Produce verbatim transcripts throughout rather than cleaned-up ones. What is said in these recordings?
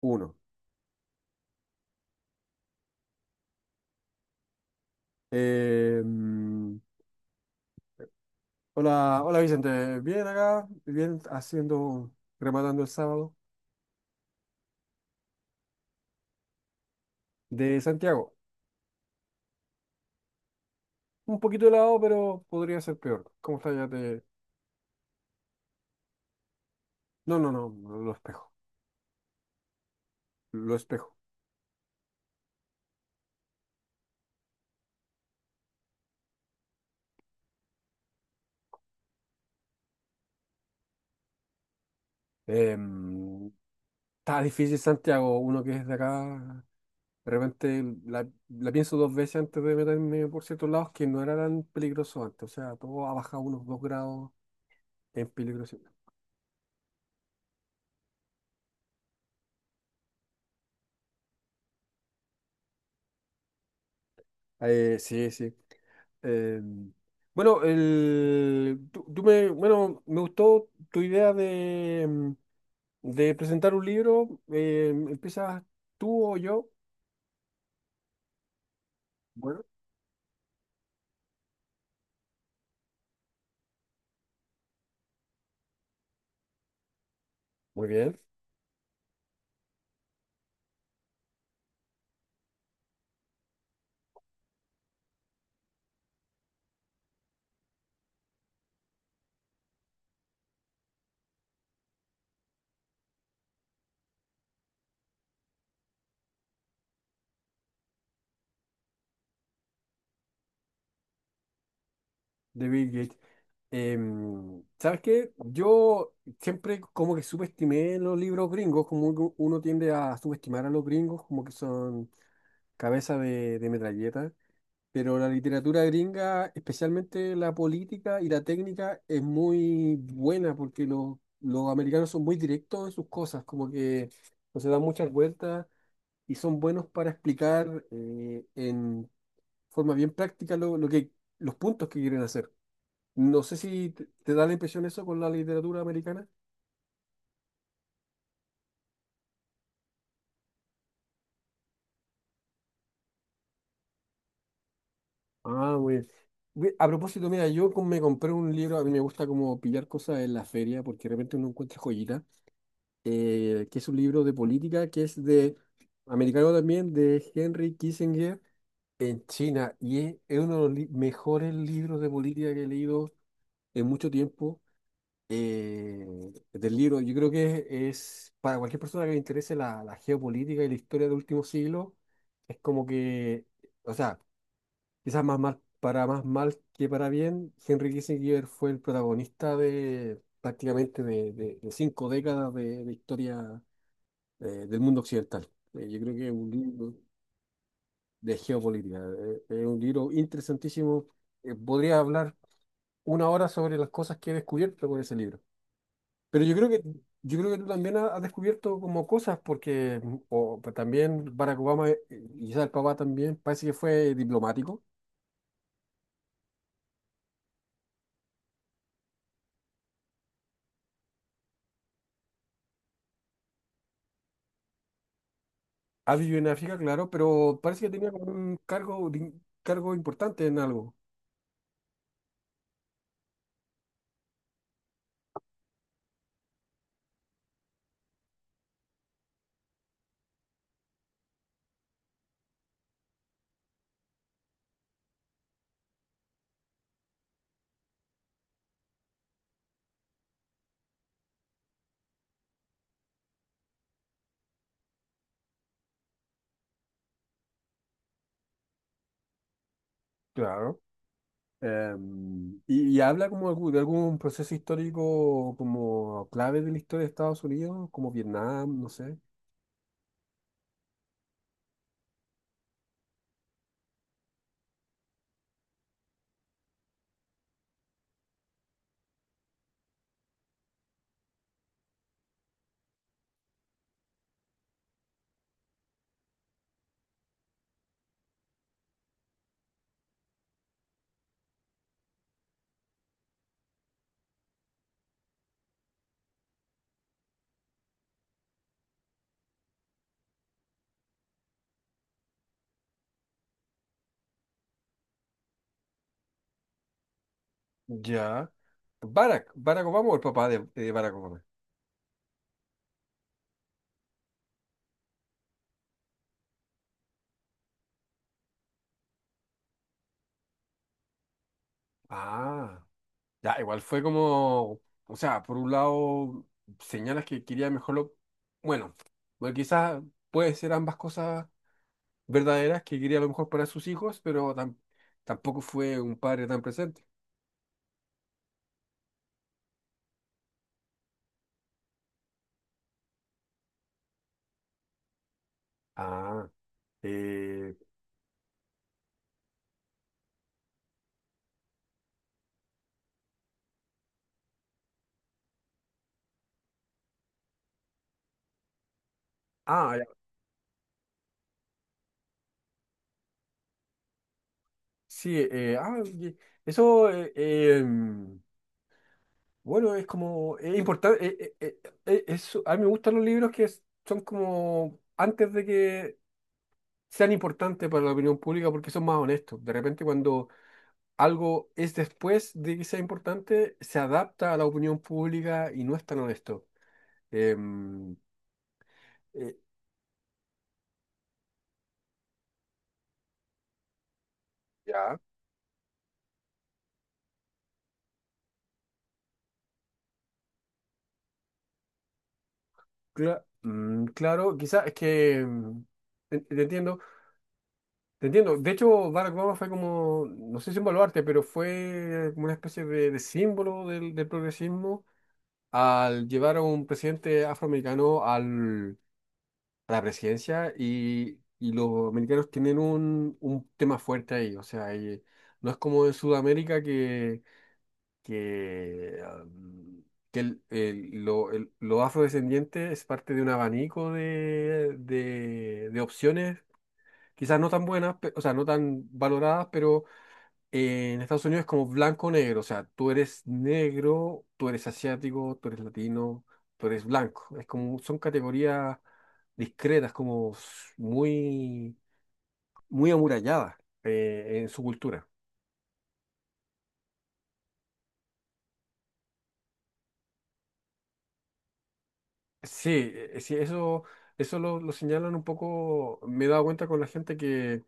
Uno. Eh, mm, hola, hola Vicente. Bien acá, bien haciendo, rematando el sábado de Santiago. Un poquito helado, pero podría ser peor. ¿Cómo está ya? Te... No, no, no, no, lo espejo. Lo espejo. Eh, mm, Está difícil Santiago, uno que es de acá. De repente la, la pienso dos veces antes de meterme por ciertos lados que no era tan peligroso antes. O sea, todo ha bajado unos dos grados en peligrosidad. Eh, sí, sí. Eh, bueno, el, tú, tú me, bueno, me gustó tu idea de, mm, de presentar un libro. Eh, ¿empiezas tú o yo? Bueno, muy bien, de Bill Gates. Em, ¿sabes qué? Yo siempre como que subestimé los libros gringos, como uno uno tiende a subestimar a los gringos, como que son cabeza de, de metralleta. Pero la literatura gringa, especialmente la política y la técnica, es muy buena porque los, los americanos son muy directos en sus cosas, como que no se dan muchas vueltas y son buenos para explicar eh, en forma bien práctica lo, lo que, los puntos que quieren hacer. No sé si te, te da la impresión eso con la literatura americana. Ah, muy bien. Ve, A propósito, mira, yo com- me compré un libro, a mí me gusta como pillar cosas en la feria porque de repente uno encuentra joyitas. Eh, que es un libro de política, que es de, americano también, de Henry Kissinger en China. Y es, es uno de los li- mejores libros de política que he leído en mucho tiempo. eh, Del libro, yo creo que es, para cualquier persona que le interese la, la geopolítica y la historia del último siglo, es como que, o sea, quizás más mal, para más mal que para bien, Henry Kissinger fue el protagonista de prácticamente de, de- de cinco décadas de de historia eh, del mundo occidental. Eh, yo creo que es un libro de geopolítica. Eh, es un libro interesantísimo. Eh, podría hablar una hora sobre las cosas que he descubierto con ese libro. Pero yo creo que, yo creo que tú también ha- has descubierto como cosas, porque o, pues, también Barack Obama, eh, y quizás el papá también, parece que fue diplomático. Ha vivido en África, claro, pero parece que tenía como un cargo, di- cargo importante en algo. Claro. Em, y, y habla como algu- de algún proceso histórico como clave de la historia de Estados Unidos, como Vietnam, no sé. Ya. Barack, Barack Obama o el papá de, de Barack Obama. Ah, ya, igual fue como, o sea, por un lado señalas que quería mejor lo, bueno, bueno, quizás puede ser ambas cosas verdaderas, que quería lo mejor para sus hijos, pero tam- tampoco fue un padre tan presente. Ah, eh, ah, Sí. Eh, ah, ye- eso. eh, em, bueno, es como, es importante, eh, eh, eh, eh, es- a mí me gustan los libros que es- son como antes de que sean importantes para la opinión pública porque son más honestos. De repente cuando algo es después de que sea importante, se adapta a la opinión pública y no es tan honesto. Em, eh, Ya. Cla- mm, claro, quizás es que, em, en- te entiendo. Te entiendo. De hecho, Barack Obama fue como, no sé si un baluarte, pero fue como una especie de, de símbolo del, del progresismo al llevar a un presidente afroamericano al, a la presidencia y, y los americanos tienen un, un tema fuerte ahí. O sea, y no es como en Sudamérica que, que, um, que el, el- lo- el- los afrodescendientes es parte de un abanico de, de de opciones, quizás no tan buenas, pe- o sea, no tan valoradas, pero en Estados Unidos es como blanco o negro, o sea, tú eres negro, tú eres asiático, tú eres latino, tú eres blanco. Es como, son categorías discretas, como s- muy, muy amuralladas eh, en su cultura. Sí, eh, sí, eso, eso lo, lo señalan un poco, me he dado cuenta con la gente que,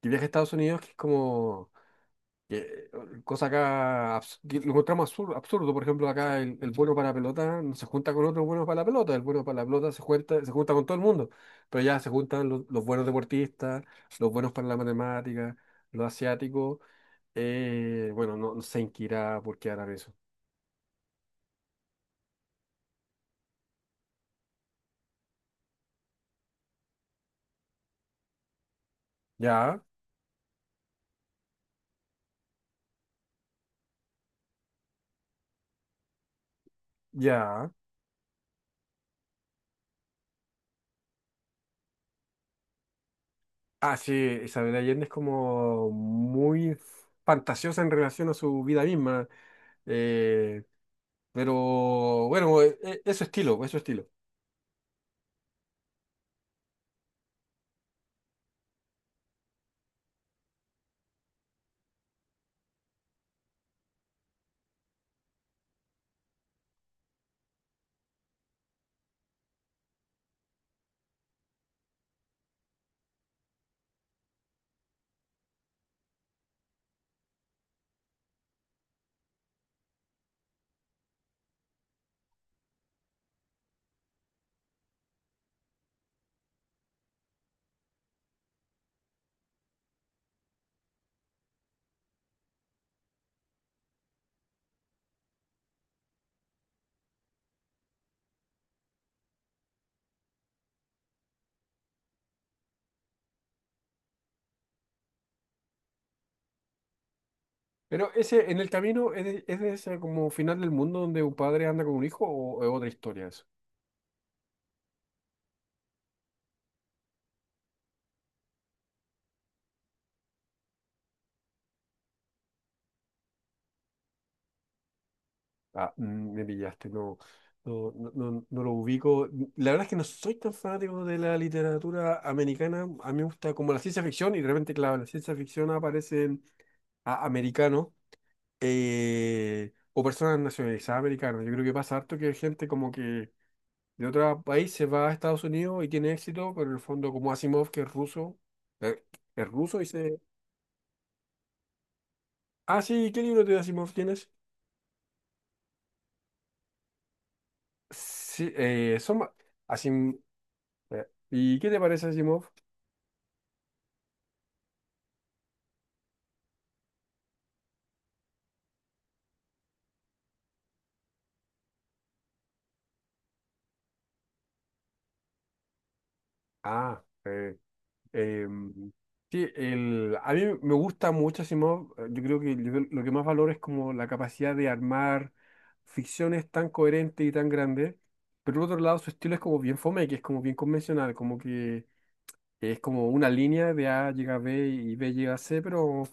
que viaja a Estados Unidos, que es como... que- eh, cosa acá abs- que lo encontramos absurdo, absurdo. Por ejemplo, acá el, el bueno para la pelota no se junta con otro bueno para la pelota, el bueno para la pelota se junta, se junta con todo el mundo, pero ya se juntan los, los buenos deportistas, los buenos para la matemática, los asiáticos, eh, bueno, no, no sé en qué irá por qué harán eso. Ya, ya. Ah, sí, Isabel Allende es como muy fantasiosa en relación a su vida misma. Eh, pero bueno, eh, eh, es su estilo, es su estilo. Pero ese, en el camino, ¿es de, es de, ese como final del mundo donde un padre anda con un hijo o es otra historia eso? Ah, mm, me pillaste, no, no, no, no- no lo ubico. La verdad es que no soy tan fanático de la literatura americana. A mí me gusta como la ciencia ficción y de repente, claro, en la ciencia ficción aparecen a- americanos eh, o personas nacionalizadas americanas. Yo creo que pasa harto que hay gente como que de otro país se va a Estados Unidos y tiene éxito, pero en el fondo como Asimov, que es ruso, eh, es ruso y se... Ah, sí, ¿qué libro de Asimov tienes? Sí, eh, son va- Asim- eh, ¿y qué te parece Asimov? Ah. Eh, em, sí, el, a mí me gusta mucho Asimov. eh, Yo creo que yo creo- lo que más valoro es como la capacidad de armar ficciones tan coherentes y tan grandes. Pero por otro lado, su estilo es como bien fome, que es como bien convencional, como que que es como una línea de A llega a B y B llega a C, pero,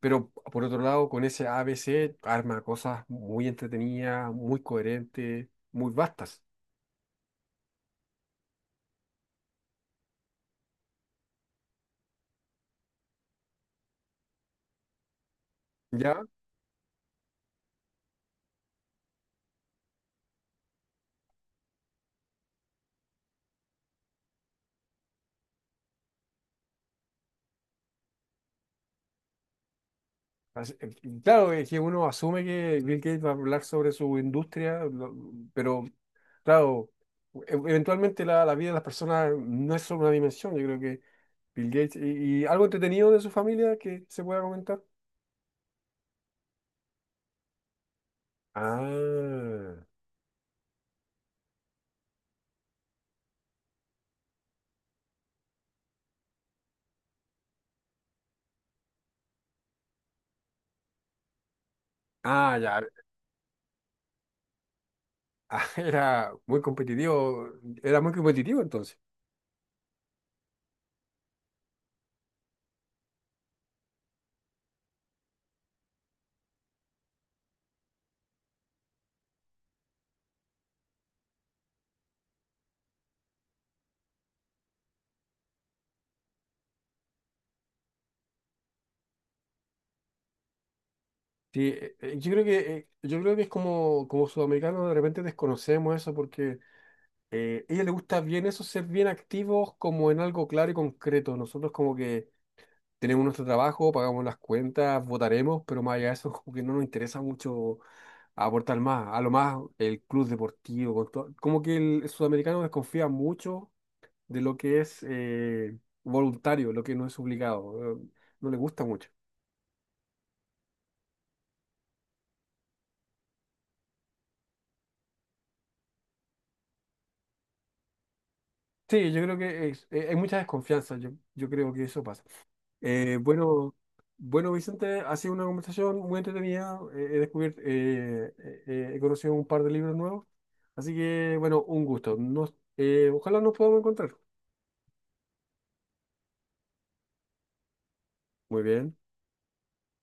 pero por otro lado, con ese A, B, C, arma cosas muy entretenidas, muy coherentes, muy vastas. ¿Ya? Así- eh, Claro, es que uno asume que Bill Gates va a hablar sobre su industria, lo- pero claro, e- eventualmente la, la vida de las personas no es solo una dimensión, yo creo que Bill Gates y, y algo entretenido de su familia que se pueda comentar. Ah, ah, ya. Ah, Era muy competitivo, era muy competitivo entonces. Sí, eh, eh, yo creo que eh, yo creo que es como, como sudamericanos de repente desconocemos eso porque eh, a ella le gusta bien eso, ser bien activos como en algo claro y concreto. Nosotros como que tenemos nuestro trabajo, pagamos las cuentas, votaremos, pero más allá de eso como que no nos interesa mucho aportar más. A lo más el club deportivo, con todo- como que el sudamericano desconfía mucho de lo que es eh, voluntario, lo que no es obligado. eh, No le gusta mucho. Sí, yo creo que es- eh, hay mucha desconfianza, yo, yo creo que eso pasa. Eh, bueno, bueno, Vicente, ha sido una conversación muy entretenida, eh, he descubierto, eh, eh, eh, he conocido un par de libros nuevos, así que bueno, un gusto. Nos, eh, ojalá nos podamos encontrar. Muy bien.